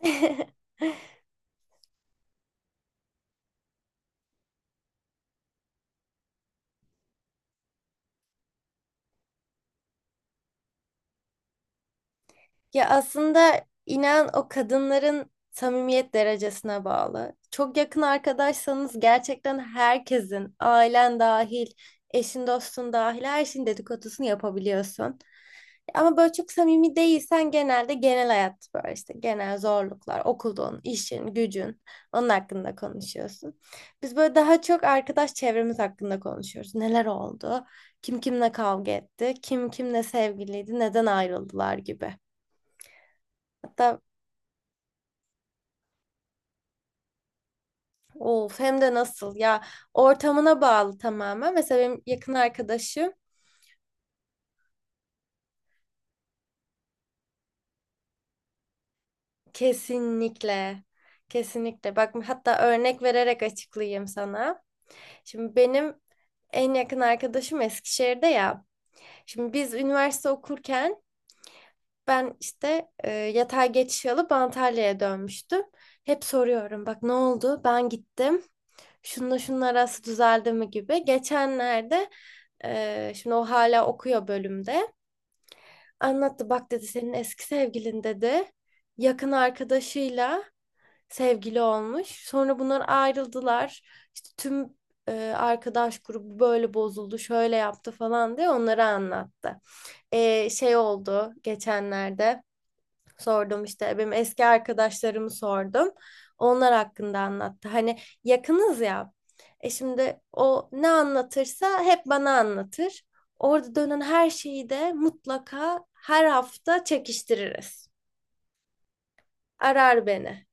Ya aslında inan o kadınların samimiyet derecesine bağlı. Çok yakın arkadaşsanız gerçekten herkesin, ailen dahil, eşin dostun dahil her şeyin dedikodusunu yapabiliyorsun. Ama böyle çok samimi değilsen genelde genel hayat böyle işte genel zorluklar, okulun, işin, gücün onun hakkında konuşuyorsun. Biz böyle daha çok arkadaş çevremiz hakkında konuşuyoruz. Neler oldu? Kim kimle kavga etti? Kim kimle sevgiliydi? Neden ayrıldılar gibi. Hatta of, hem de nasıl ya, ortamına bağlı tamamen. Mesela benim yakın arkadaşım kesinlikle, kesinlikle bak, hatta örnek vererek açıklayayım sana. Şimdi benim en yakın arkadaşım Eskişehir'de ya. Şimdi biz üniversite okurken ben işte yatay geçiş alıp Antalya'ya dönmüştüm. Hep soruyorum, bak ne oldu? Ben gittim. Şununla şunun arası düzeldi mi gibi. Geçenlerde şimdi o hala okuyor bölümde. Anlattı, bak dedi, senin eski sevgilin dedi. Yakın arkadaşıyla sevgili olmuş. Sonra bunlar ayrıldılar. İşte tüm e, arkadaş grubu böyle bozuldu, şöyle yaptı falan diye onları anlattı. Şey oldu, geçenlerde sordum işte, benim eski arkadaşlarımı sordum. Onlar hakkında anlattı. Hani yakınız ya. E şimdi o ne anlatırsa hep bana anlatır. Orada dönen her şeyi de mutlaka her hafta çekiştiririz. Arar beni.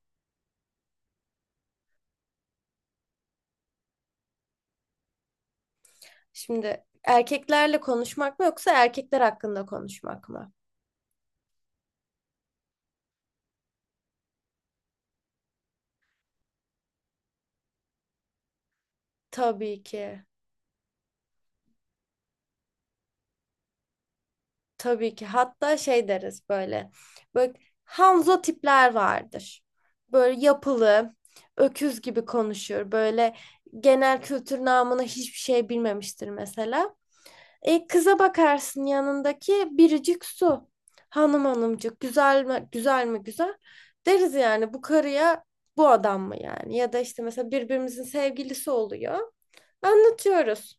Şimdi erkeklerle konuşmak mı yoksa erkekler hakkında konuşmak mı? Tabii ki. Tabii ki. Hatta şey deriz böyle. Böyle Hanzo tipler vardır. Böyle yapılı, öküz gibi konuşur. Böyle genel kültür namına hiçbir şey bilmemiştir mesela. E, kıza bakarsın, yanındaki biricik su. Hanım hanımcık, güzel mi güzel mi güzel, deriz yani bu karıya bu adam mı yani, ya da işte mesela birbirimizin sevgilisi oluyor. Anlatıyoruz.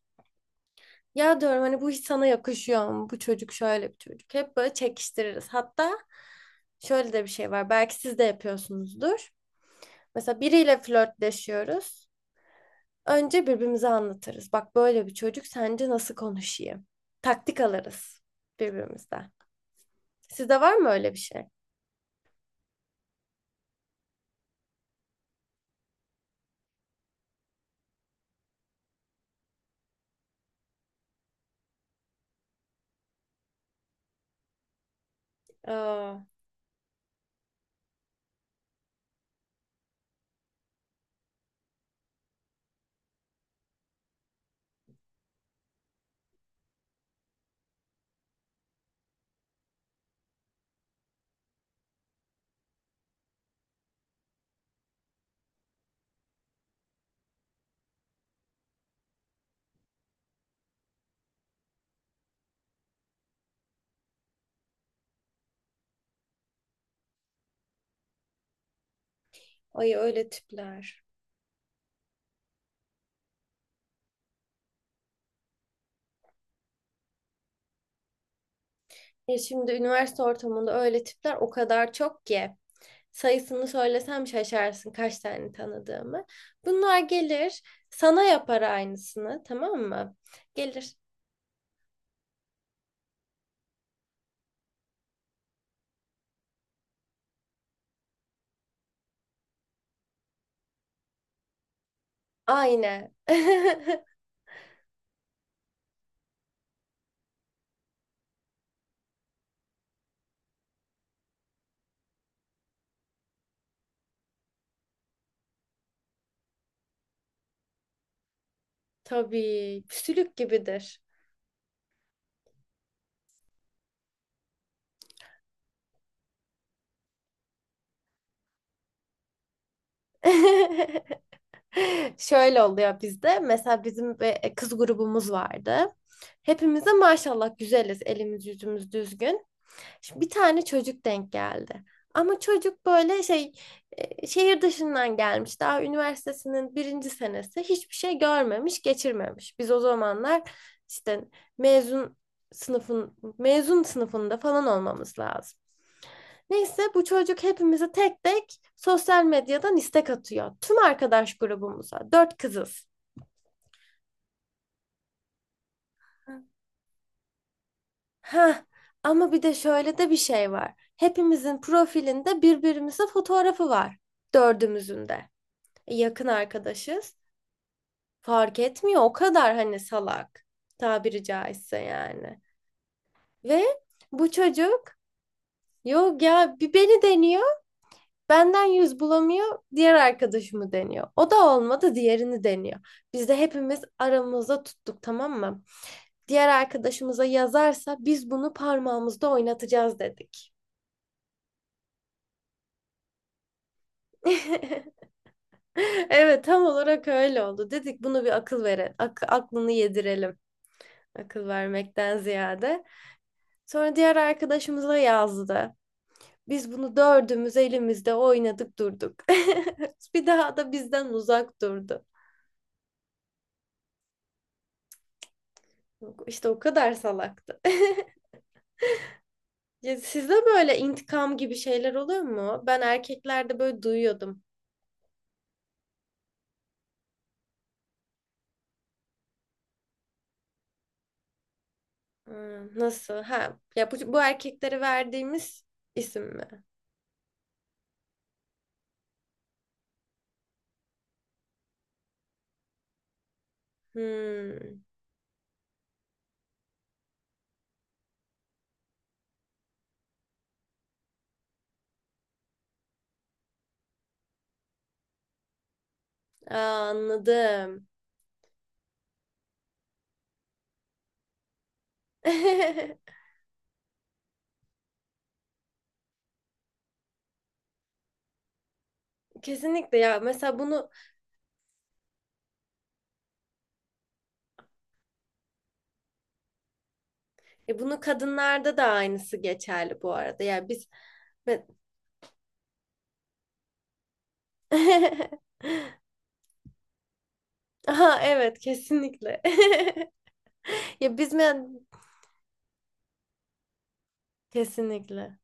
Ya diyorum, hani bu hiç sana yakışıyor mu? Bu çocuk şöyle bir çocuk. Hep böyle çekiştiririz. Hatta şöyle de bir şey var. Belki siz de yapıyorsunuzdur. Mesela biriyle flörtleşiyoruz. Önce birbirimize anlatırız. Bak, böyle bir çocuk, sence nasıl konuşayım? Taktik alırız birbirimizden. Sizde var mı öyle bir şey? Aa, ay öyle tipler. Ya şimdi üniversite ortamında öyle tipler o kadar çok ki, sayısını söylesem şaşarsın kaç tane tanıdığımı. Bunlar gelir, sana yapar aynısını, tamam mı? Gelir aynı. Tabii püsülük gibidir. Şöyle oluyor bizde. Mesela bizim bir kız grubumuz vardı. Hepimiz de maşallah güzeliz. Elimiz yüzümüz düzgün. Şimdi bir tane çocuk denk geldi. Ama çocuk böyle şey, şehir dışından gelmiş. Daha üniversitesinin birinci senesi, hiçbir şey görmemiş, geçirmemiş. Biz o zamanlar işte mezun, mezun sınıfında falan olmamız lazım. Neyse bu çocuk hepimize tek tek sosyal medyadan istek atıyor. Tüm arkadaş grubumuza. Dört kızız. Ha ama bir de şöyle de bir şey var. Hepimizin profilinde birbirimize fotoğrafı var. Dördümüzün de. Yakın arkadaşız. Fark etmiyor o kadar, hani salak, tabiri caizse yani. Ve bu çocuk, yok ya, bir beni deniyor, benden yüz bulamıyor diğer arkadaşımı deniyor. O da olmadı diğerini deniyor. Biz de hepimiz aramızda tuttuk, tamam mı? Diğer arkadaşımıza yazarsa biz bunu parmağımızda oynatacağız dedik. Evet, tam olarak öyle oldu. Dedik, bunu bir akıl verelim. Aklını yedirelim. Akıl vermekten ziyade. Sonra diğer arkadaşımıza yazdı. Biz bunu dördümüz elimizde oynadık durduk. Bir daha da bizden uzak durdu. İşte o kadar salaktı. Ya sizde böyle intikam gibi şeyler oluyor mu? Ben erkeklerde böyle duyuyordum. Hmm, nasıl? Ha, ya bu erkeklere verdiğimiz isim mi? Hmm. Aa, anladım. Kesinlikle ya. Mesela bunu bunu kadınlarda da aynısı geçerli bu arada. Ya biz Aha, evet kesinlikle. Ya biz mi? Kesinlikle.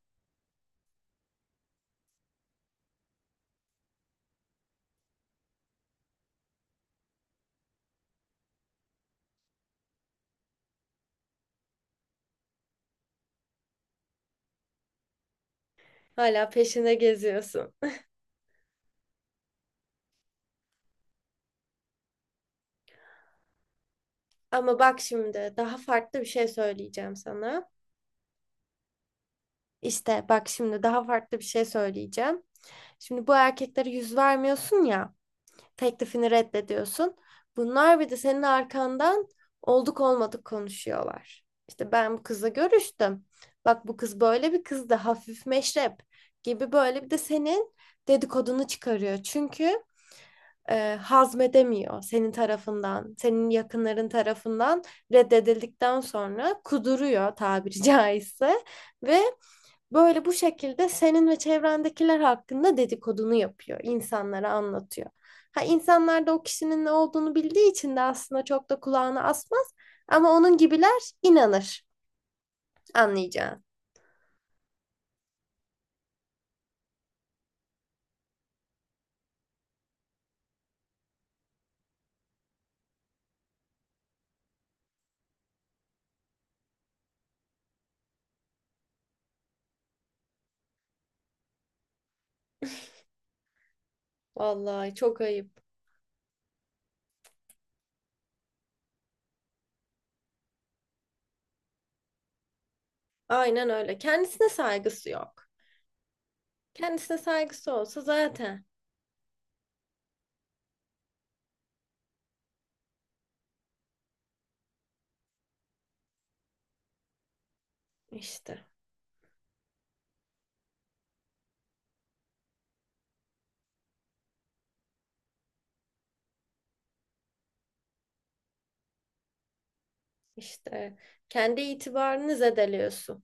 Hala peşinde geziyorsun. Ama bak, şimdi daha farklı bir şey söyleyeceğim sana. İşte bak, şimdi daha farklı bir şey söyleyeceğim. Şimdi bu erkeklere yüz vermiyorsun ya. Teklifini reddediyorsun. Bunlar bir de senin arkandan olduk olmadık konuşuyorlar. İşte ben bu kızla görüştüm. Bak bu kız böyle bir kızdı. Hafif meşrep gibi, böyle bir de senin dedikodunu çıkarıyor. Çünkü hazmedemiyor, senin tarafından, senin yakınların tarafından reddedildikten sonra kuduruyor, tabiri caizse, ve böyle bu şekilde senin ve çevrendekiler hakkında dedikodunu yapıyor, insanlara anlatıyor. Ha, insanlar da o kişinin ne olduğunu bildiği için de aslında çok da kulağını asmaz ama onun gibiler inanır, anlayacağın. Vallahi çok ayıp. Aynen öyle. Kendisine saygısı yok. Kendisine saygısı olsa zaten işte, işte kendi itibarını zedeliyorsun.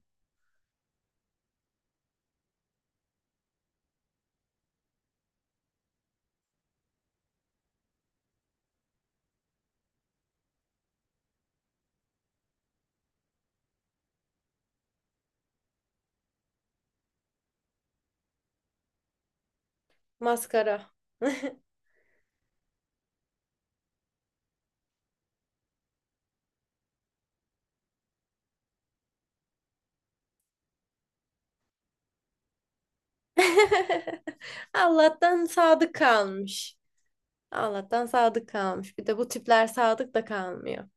Maskara. Allah'tan sadık kalmış. Allah'tan sadık kalmış. Bir de bu tipler sadık da kalmıyor.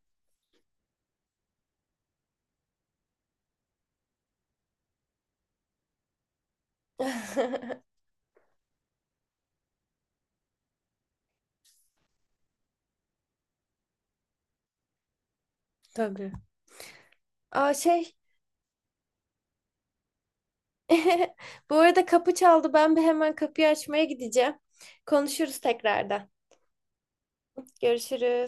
Tabii. Aa şey, bu arada kapı çaldı. Ben bir hemen kapıyı açmaya gideceğim. Konuşuruz tekrardan. Görüşürüz.